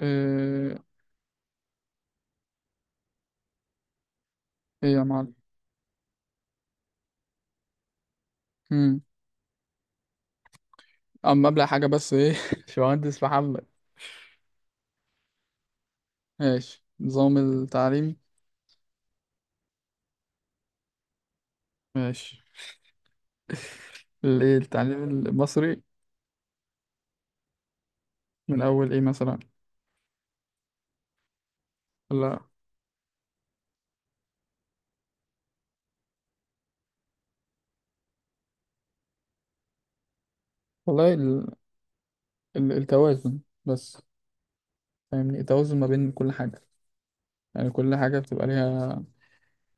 ايه ايه. يا معلم. امم اما ابلع حاجه بس ايه باشمهندس محمد. ماشي نظام التعليم. ماشي الايه التعليم المصري؟ من اول ايه مثلا؟ لا والله التوازن بس. فاهمني، التوازن ما بين كل حاجه، يعني كل حاجه بتبقى ليها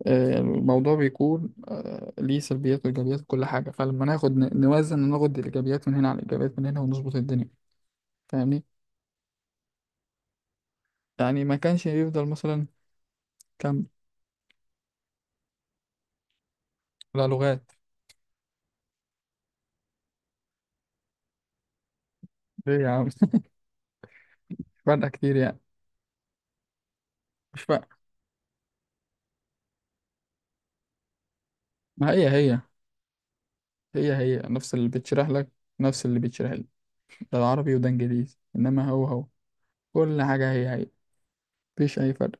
الموضوع بيكون ليه سلبيات وايجابيات كل حاجه، فلما ناخد نوزن ناخد الايجابيات من هنا على الايجابيات من هنا ونظبط الدنيا. فاهمني؟ يعني ما كانش يفضل مثلا. كام؟ لا لغات. ليه يا عم؟ فرق كتير يعني. مش فرق، ما هي هي، هي هي نفس اللي بتشرح لك، نفس اللي بيتشرح لي، ده العربي وده انجليزي انما هو هو، كل حاجة هي هي، مفيش اي فرق.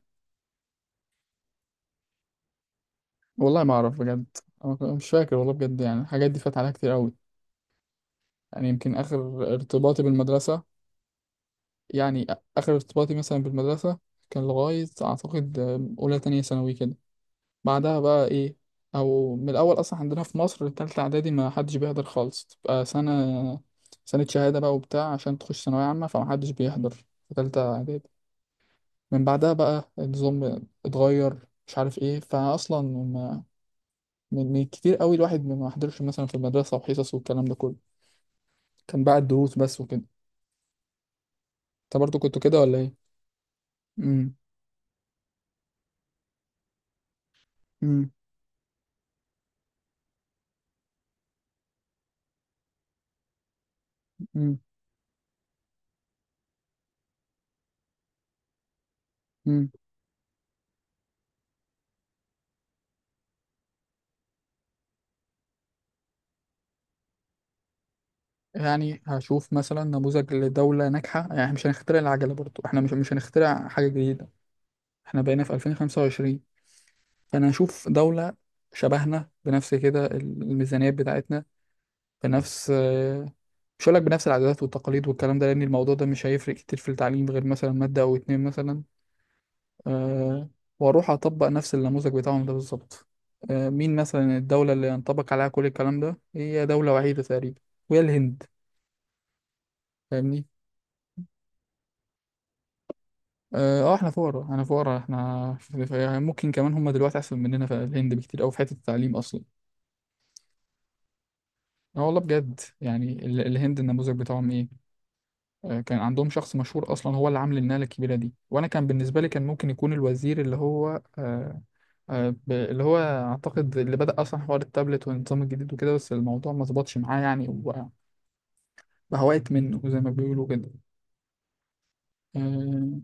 والله ما اعرف بجد، أنا مش فاكر والله بجد، يعني الحاجات دي فات عليها كتير قوي. يعني يمكن اخر ارتباطي بالمدرسة، يعني اخر ارتباطي مثلا بالمدرسة كان لغاية اعتقد اولى تانية ثانوي كده. بعدها بقى ايه، او من الاول اصلا عندنا في مصر تالتة اعدادي ما حدش بيحضر خالص، تبقى سنة سنة شهادة بقى وبتاع عشان تخش ثانوية عامة، فما حدش بيحضر في تالتة اعدادي. من بعدها بقى النظام اتغير، مش عارف ايه فاصلا من كتير قوي الواحد ما حضرش مثلا في المدرسة وحصص والكلام ده كله، كان بقى الدروس بس وكده. انت برضو كنت كده ولا ايه؟ امم امم امم امم يعني هشوف مثلا نموذج لدولة ناجحة، يعني إحنا مش هنخترع العجلة برضو، احنا مش هنخترع حاجة جديدة، احنا بقينا في 2025. فانا اشوف دولة شبهنا بنفس كده الميزانيات بتاعتنا، بنفس مش هقول لك بنفس العادات والتقاليد والكلام ده لان الموضوع ده مش هيفرق كتير في التعليم غير مثلا مادة او اتنين مثلا، أه، واروح اطبق نفس النموذج بتاعهم ده بالظبط. أه، مين مثلا الدولة اللي ينطبق عليها كل الكلام ده؟ هي دولة وحيدة تقريبا، وهي الهند. فاهمني؟ اه احنا فقراء، احنا فقراء، احنا ممكن كمان هم دلوقتي احسن مننا في الهند بكتير، او في حتة التعليم اصلا. اه والله بجد، يعني الهند النموذج بتاعهم ايه، كان عندهم شخص مشهور اصلا هو اللي عامل الناله الكبيره دي، وانا كان بالنسبه لي كان ممكن يكون الوزير اللي هو اللي هو اعتقد اللي بدأ اصلا حوار التابلت والنظام الجديد وكده، بس الموضوع ما ظبطش معاه يعني، وبقى بقى وقت منه زي ما بيقولوا كده. آه،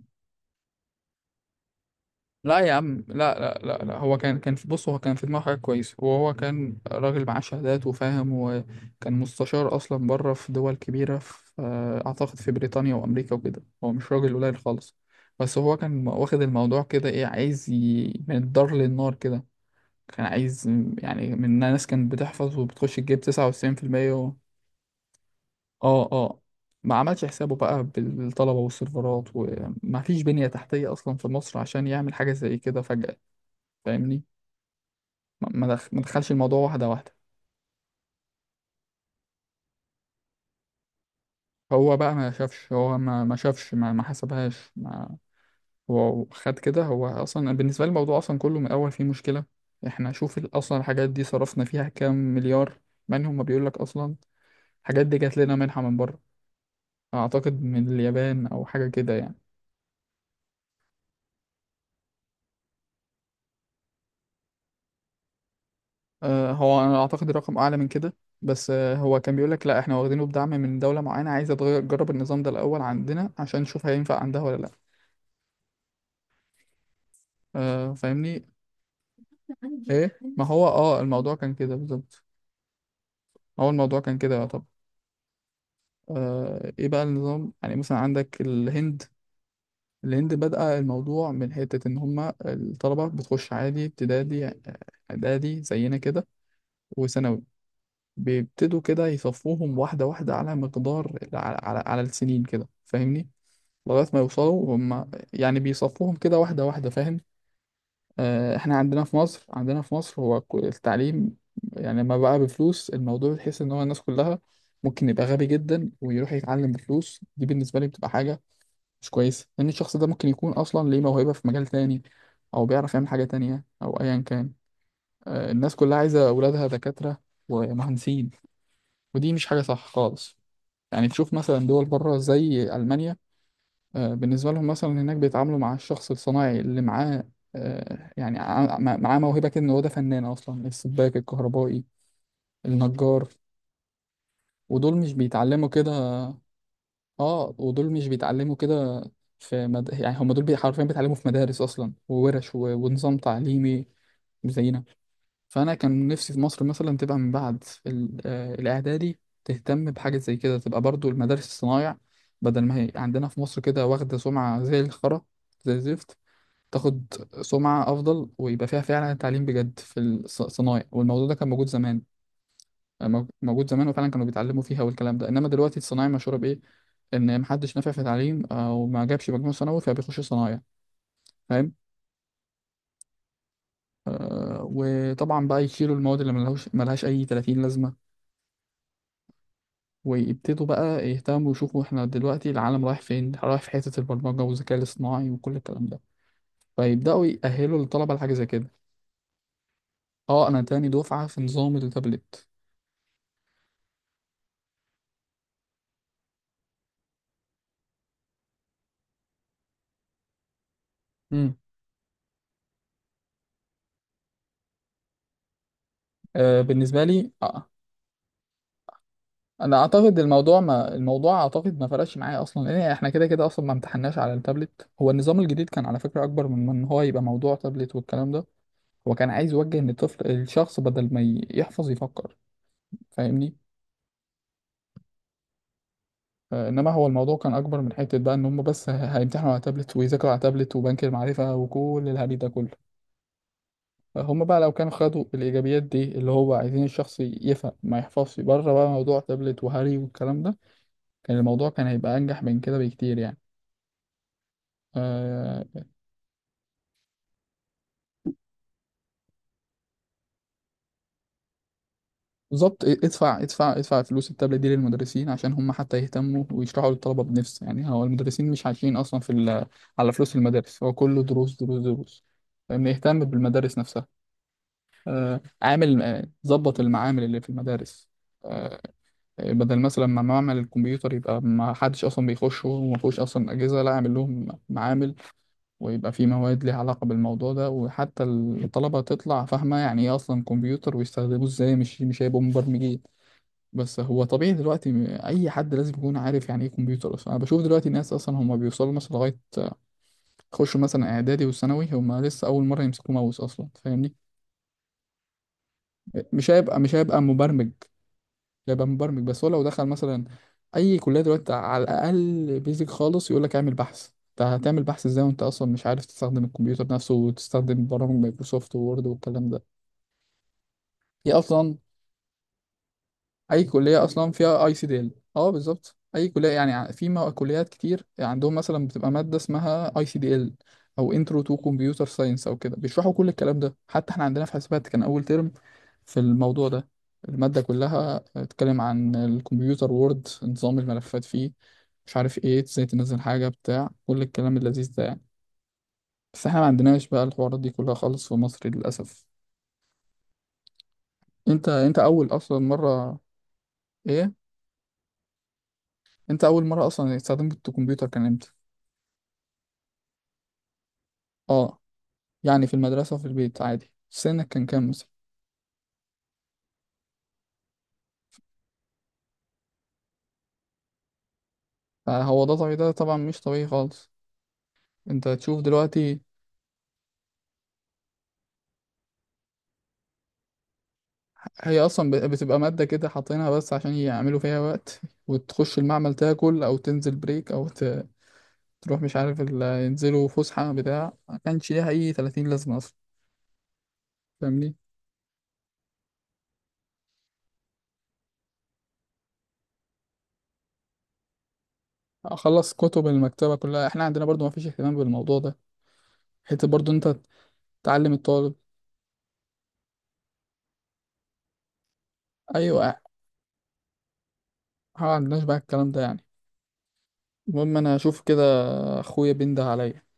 لا يا عم، لا لا لا لا، هو كان في بص، هو كان في دماغه حاجة كويسة، وهو كان راجل معاه شهادات وفاهم، وكان مستشار أصلا بره في دول كبيرة، في أعتقد في بريطانيا وأمريكا وكده، هو مش راجل قليل خالص. بس هو كان واخد الموضوع كده إيه، عايز من الدار للنار كده. كان عايز يعني من ناس كانت بتحفظ وبتخش تجيب 99% اه اه. ما عملش حسابه بقى بالطلبة والسيرفرات، وما فيش بنية تحتية أصلا في مصر عشان يعمل حاجة زي كده فجأة. فاهمني؟ ما دخلش الموضوع واحدة واحدة. هو بقى ما شافش، هو ما شافش، ما حسبهاش ما هو خد كده. هو أصلا بالنسبة لي الموضوع أصلا كله من الأول فيه مشكلة. إحنا شوف أصلا الحاجات دي صرفنا فيها كام مليار، منهم ما بيقولك أصلا الحاجات دي جات لنا منحة من بره، أعتقد من اليابان أو حاجة كده يعني. أه، هو أنا أعتقد الرقم أعلى من كده، بس هو كان بيقولك لا، إحنا واخدينه بدعم من دولة معينة عايزة تغير تجرب النظام ده الأول عندنا عشان نشوف هينفع عندها ولا لأ. فاهمني؟ ايه ما هو اه الموضوع كان كده بالظبط. هو الموضوع كان كده. طب ايه بقى النظام، يعني مثلا عندك الهند، الهند بدأ الموضوع من حتة ان هما الطلبة بتخش عادي ابتدائي، اعدادي زينا كده، وثانوي، بيبتدوا كده يصفوهم واحدة واحدة، على مقدار، على السنين كده، فاهمني؟ لغاية ما يوصلوا هما، يعني بيصفوهم كده واحدة واحدة، فاهم؟ احنا عندنا في مصر، عندنا في مصر هو التعليم يعني لما بقى بفلوس الموضوع تحس ان هو الناس كلها ممكن يبقى غبي جدا ويروح يتعلم بفلوس دي، بالنسبة لي بتبقى حاجة مش كويسة، لان الشخص ده ممكن يكون اصلا ليه موهبة في مجال تاني، او بيعرف يعمل حاجة تانية، او ايا كان. الناس كلها عايزة اولادها دكاترة ومهندسين، ودي مش حاجة صح خالص. يعني تشوف مثلا دول بره زي ألمانيا، بالنسبة لهم مثلا هناك بيتعاملوا مع الشخص الصناعي اللي معاه، يعني معاه موهبة كده، إن هو ده فنان أصلا، السباك، الكهربائي، النجار، ودول مش بيتعلموا كده، ودول مش بيتعلموا كده، في يعني هم دول حرفيا بيتعلموا في مدارس أصلا وورش ونظام تعليمي زينا. فأنا كان نفسي في مصر مثلا تبقى من بعد ال... آه، الإعدادي تهتم بحاجة زي كده، تبقى برضو المدارس الصنايع، بدل ما هي عندنا في مصر كده واخدة سمعة زي الخرا، زي الزفت، تاخد سمعة أفضل، ويبقى فيها فعلا تعليم بجد في الصنايع. والموضوع ده كان موجود زمان، موجود زمان، وفعلا كانوا بيتعلموا فيها والكلام ده. إنما دلوقتي الصنايع مشهورة بإيه؟ إن محدش نافع في تعليم أو ما جابش مجموع ثانوي فبيخش صنايع، فاهم؟ آه، وطبعا بقى يشيلوا المواد اللي ملهاش أي 30 لازمة، ويبتدوا بقى يهتموا يشوفوا إحنا دلوقتي العالم رايح فين؟ رايح في حتة البرمجة والذكاء الاصطناعي وكل الكلام ده، فيبدأوا يأهلوا الطلبة لحاجة زي كده. أه، أنا تاني دفعة في نظام التابلت. آه، بالنسبه لي آه. انا اعتقد الموضوع، ما الموضوع اعتقد ما فرقش معايا اصلا، لان احنا كده كده اصلا ما امتحناش على التابلت. هو النظام الجديد كان على فكره اكبر من ان هو يبقى موضوع تابلت والكلام ده، هو كان عايز يوجه ان الطفل، الشخص، بدل ما يحفظ يفكر، فاهمني؟ انما هو الموضوع كان اكبر من حته بقى ان هم بس هيمتحنوا على تابلت ويذاكروا على تابلت وبنك المعرفه وكل الهري ده كله. هم بقى لو كانوا خدوا الايجابيات دي اللي هو عايزين الشخص يفهم ما يحفظش، بره بقى موضوع تابلت وهري والكلام ده، الموضوع كان هيبقى انجح من كده بكتير يعني. آه، بالظبط، ادفع ادفع ادفع فلوس التابلت دي للمدرسين عشان هم حتى يهتموا ويشرحوا للطلبه بنفس، يعني هو المدرسين مش عايشين اصلا في على فلوس المدارس، هو كله دروس دروس دروس، فإن يهتم بالمدارس نفسها، عامل ظبط المعامل اللي في المدارس، آه، بدل مثلا ما معمل الكمبيوتر يبقى ما حدش اصلا بيخشه وما فيهوش اصلا اجهزه، لا، اعمل لهم معامل، ويبقى في مواد ليها علاقة بالموضوع ده، وحتى الطلبة تطلع فاهمة يعني ايه اصلا كمبيوتر ويستخدموه ازاي. مش هيبقوا مبرمجين، بس هو طبيعي دلوقتي اي حد لازم يكون عارف يعني ايه كمبيوتر اصلا. انا بشوف دلوقتي ناس اصلا هم بيوصلوا مثلا لغاية يخشوا مثلا اعدادي وثانوي هم لسه اول مرة يمسكوا ماوس اصلا، فاهمني؟ مش هيبقى مبرمج، يبقى مبرمج بس هو لو دخل مثلا اي كليه دلوقتي على الاقل، بيزك خالص يقول لك اعمل بحث، انت هتعمل بحث ازاي وانت اصلا مش عارف تستخدم الكمبيوتر نفسه وتستخدم برامج مايكروسوفت وورد والكلام ده؟ هي اصلا اي كليه اصلا فيها ICDL. اه بالظبط، اي كليه يعني كليات كتير عندهم مثلا بتبقى ماده اسمها ICDL، او انترو تو كمبيوتر ساينس او كده، بيشرحوا كل الكلام ده، حتى احنا عندنا في حسابات كان اول ترم في الموضوع ده، الماده كلها بتتكلم عن الكمبيوتر، وورد، نظام الملفات فيه، مش عارف ايه، ازاي تنزل حاجه بتاع، كل الكلام اللذيذ ده يعني. بس احنا ما عندناش بقى الحوارات دي كلها خالص في مصر للاسف. انت اول اصلا مره، ايه، انت اول مره اصلا استخدمت الكمبيوتر كان امتى؟ اه يعني في المدرسة وفي البيت عادي، سنك كان كام مثلا؟ فهو ده طبيعي، ده طبعا مش طبيعي خالص. انت تشوف دلوقتي، هي اصلا بتبقى مادة كده حاطينها بس عشان يعملوا فيها وقت، وتخش المعمل تاكل او تنزل بريك او تروح مش عارف ينزلوا فسحة بتاع، ما كانش ليها اي 30 لازمة اصلا، فاهمني؟ اخلص كتب المكتبة كلها، احنا عندنا برضو ما فيش اهتمام بالموضوع ده، حتى برضو انت تعلم الطالب. ايوه، ما عندناش بقى الكلام ده يعني. المهم انا اشوف كده، اخويا بينده عليا.